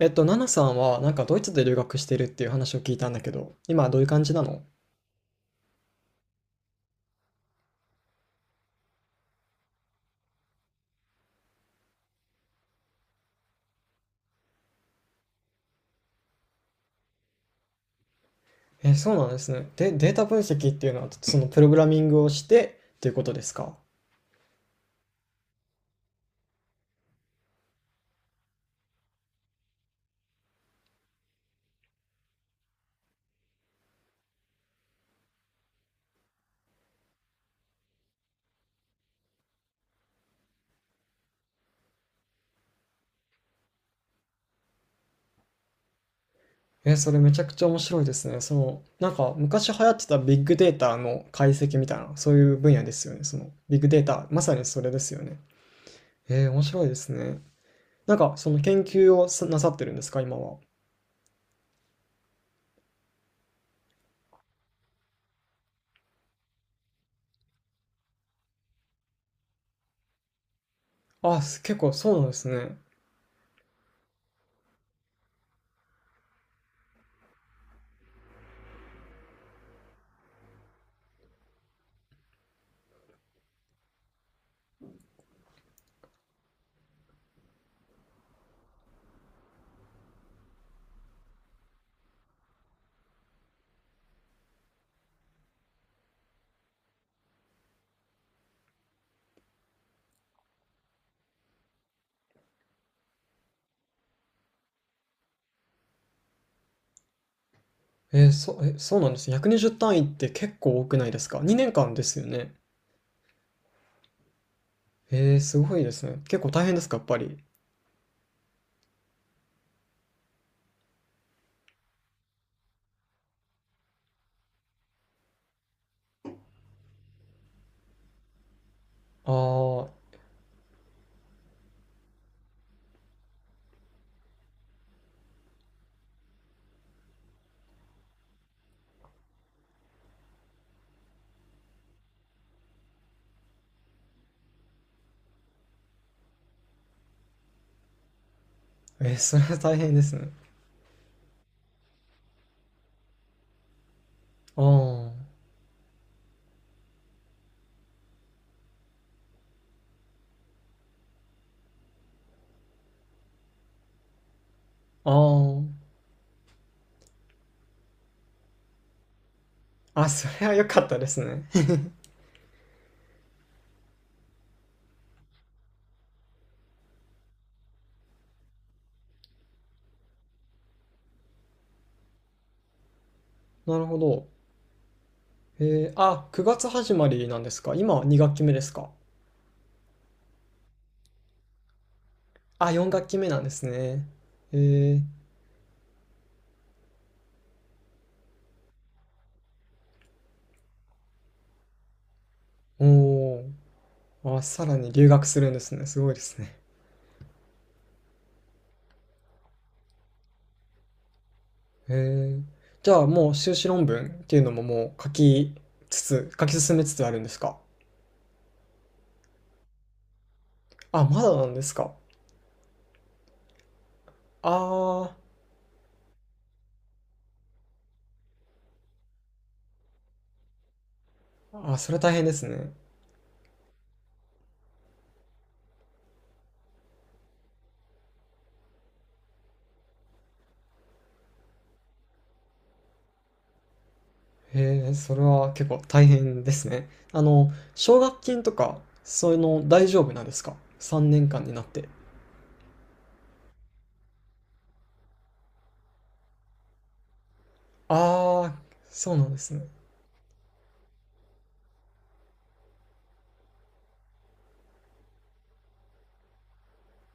ナナさんはなんかドイツで留学してるっていう話を聞いたんだけど、今はどういう感じなの？え、そうなんですね。で、データ分析っていうのは、そのプログラミングをしてっていうことですか？え、それめちゃくちゃ面白いですね。その、なんか昔流行ってたビッグデータの解析みたいな、そういう分野ですよね。その、ビッグデータ、まさにそれですよね。面白いですね。なんか、その研究をさなさってるんですか、今は。あ、結構そうなんですね。そうなんです。120単位って結構多くないですか？ 2 年間ですよね。ええ、すごいですね。結構大変ですか、やっぱり。ああ、それは大変ですね。ああ、ああ、あ、それは良かったですね。なるほど。えーあ、9月始まりなんですか。今2学期目ですか。あ、4学期目なんですね。えおーあ、さらに留学するんですね。すごいですね。えー。じゃあもう修士論文っていうのももう書き進めつつあるんですか。あ、まだなんですか。ああ、あ、それ大変ですね。へえ、それは結構大変ですね。奨学金とか、そういうの大丈夫なんですか？ 3 年間になって。ああ、そうなんですね。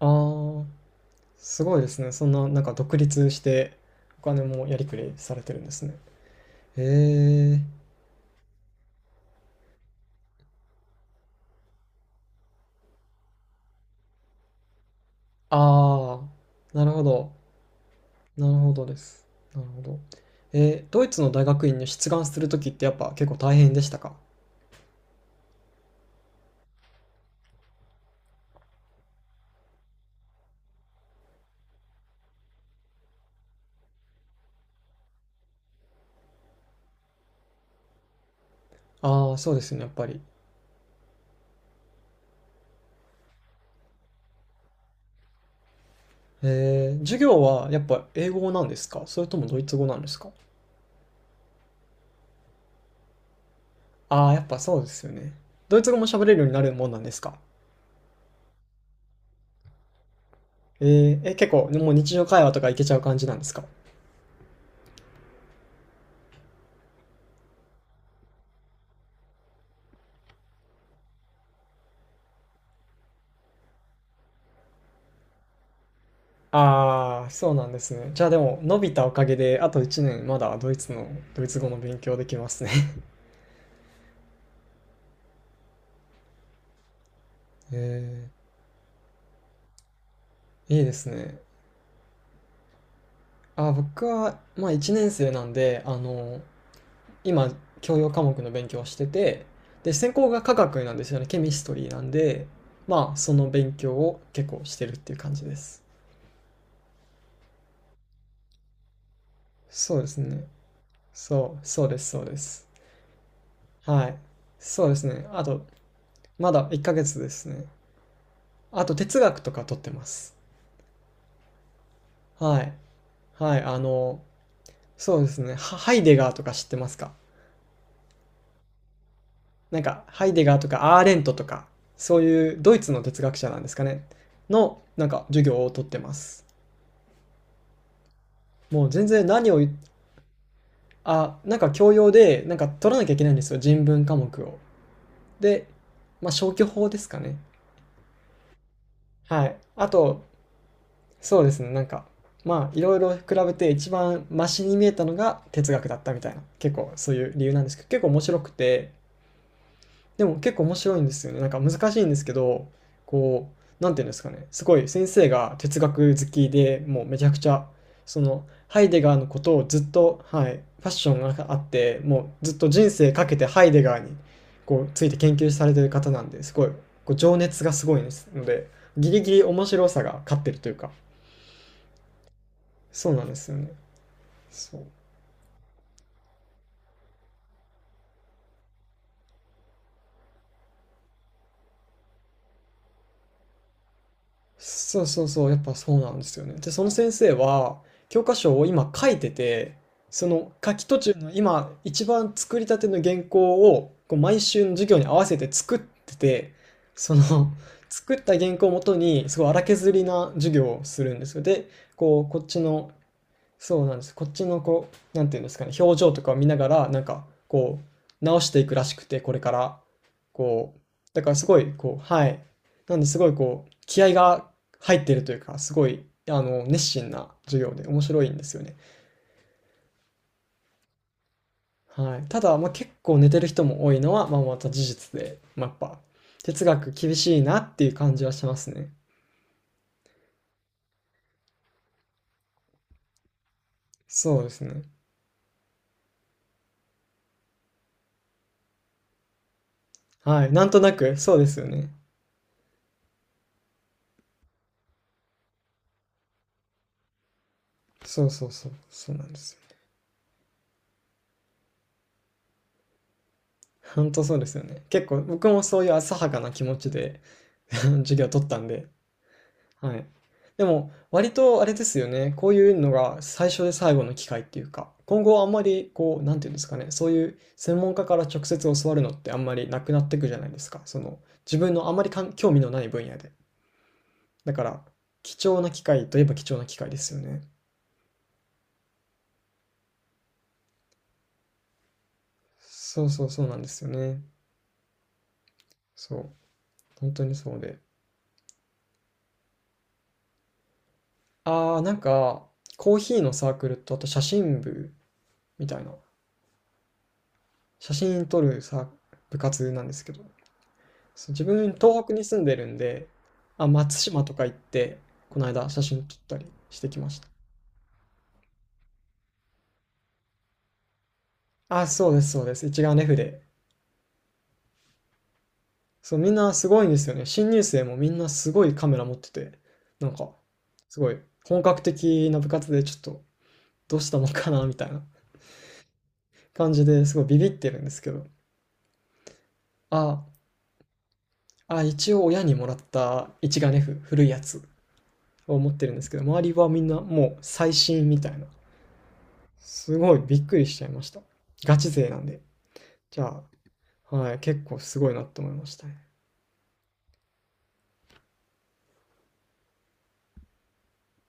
ああ、すごいですね。そんな、なんか独立して、お金もやりくりされてるんですね。へえ、ああ、なるほど。なるほどです。なるほど。ドイツの大学院に出願するときってやっぱ結構大変でしたか？ああー、そうですよね、やっぱり。授業はやっぱ英語なんですか、それともドイツ語なんですか？ああー、やっぱそうですよね。ドイツ語も喋れるようになるもんなんですか？結構もう日常会話とかいけちゃう感じなんですか？ああー、そうなんですね。じゃあでも伸びたおかげであと1年まだドイツ語の勉強できますね。えいいですね。あ、僕はまあ1年生なんで、今教養科目の勉強をしてて、で、専攻が化学なんですよね。ケミストリーなんで、まあその勉強を結構してるっていう感じです。そうですね。そう、そうです、そうです。はい。そうですね。あと、まだ1ヶ月ですね。あと哲学とか取ってます。はい。はい。そうですね。ハイデガーとか知ってますか？なんかハイデガーとかアーレントとか、そういうドイツの哲学者なんですかね、のなんか授業を取ってます。もう全然何を言っ。あ、なんか教養で、なんか取らなきゃいけないんですよ、人文科目を。で、まあ、消去法ですかね。はい。あと、そうですね、なんか、まあ、いろいろ比べて一番マシに見えたのが哲学だったみたいな、結構そういう理由なんですけど、結構面白くて、でも結構面白いんですよね。なんか難しいんですけど、こう、なんていうんですかね。すごい先生が哲学好きでもうめちゃくちゃ、その、ハイデガーのことをずっと、はい、パッションがあって、もうずっと人生かけてハイデガーにこうついて研究されてる方なんですごい、こう情熱がすごいですので、ギリギリ面白さが勝ってるというか、そうなんですよね。そう。そうそうそう、やっぱそうなんですよね。で、その先生は、教科書を今書いてて、その書き途中の今、一番作りたての原稿を、こう毎週の授業に合わせて作ってて、その、作った原稿をもとに、すごい荒削りな授業をするんですよ。で、こう、こっちのそうなんです。こっちのこう、なんていうんですかね、表情とかを見ながら、なんかこう、直していくらしくて、これから。こう、だからすごい、こう、はい。なんですごいこう、気合が入ってるというか、すごい、熱心な授業で面白いんですよね。はい。ただ、まあ、結構寝てる人も多いのは、まあ、また事実で、まあ、やっぱ、哲学厳しいなっていう感じはしますね。そうですね。はい。なんとなく、そうですよね。そうそうそう。そうなんですよ。本当そうですよね。結構僕もそういう浅はかな気持ちで 授業を取ったんで、はい。でも割とあれですよね。こういうのが最初で最後の機会っていうか、今後はあんまりこう、なんていうんですかね、そういう専門家から直接教わるのってあんまりなくなっていくじゃないですか。その自分のあんまり興味のない分野で。だから貴重な機会といえば貴重な機会ですよね。そうそうそうなんですよね。そう。本当にそうで。あー、なんかコーヒーのサークルとあと写真部みたいな。写真撮るさ、部活なんですけど。自分、東北に住んでるんで、あ、松島とか行って、この間写真撮ったりしてきました。あ、そうです、そうです。一眼レフで。そう、みんなすごいんですよね。新入生もみんなすごいカメラ持ってて、なんか、すごい本格的な部活でちょっと、どうしたもんかな、みたいな感じですごいビビってるんですけど。あ、あ、一応親にもらった一眼レフ、古いやつを持ってるんですけど、周りはみんなもう最新みたいな。すごいびっくりしちゃいました。ガチ勢なんで。じゃあ、はい、結構すごいなと思いましたね。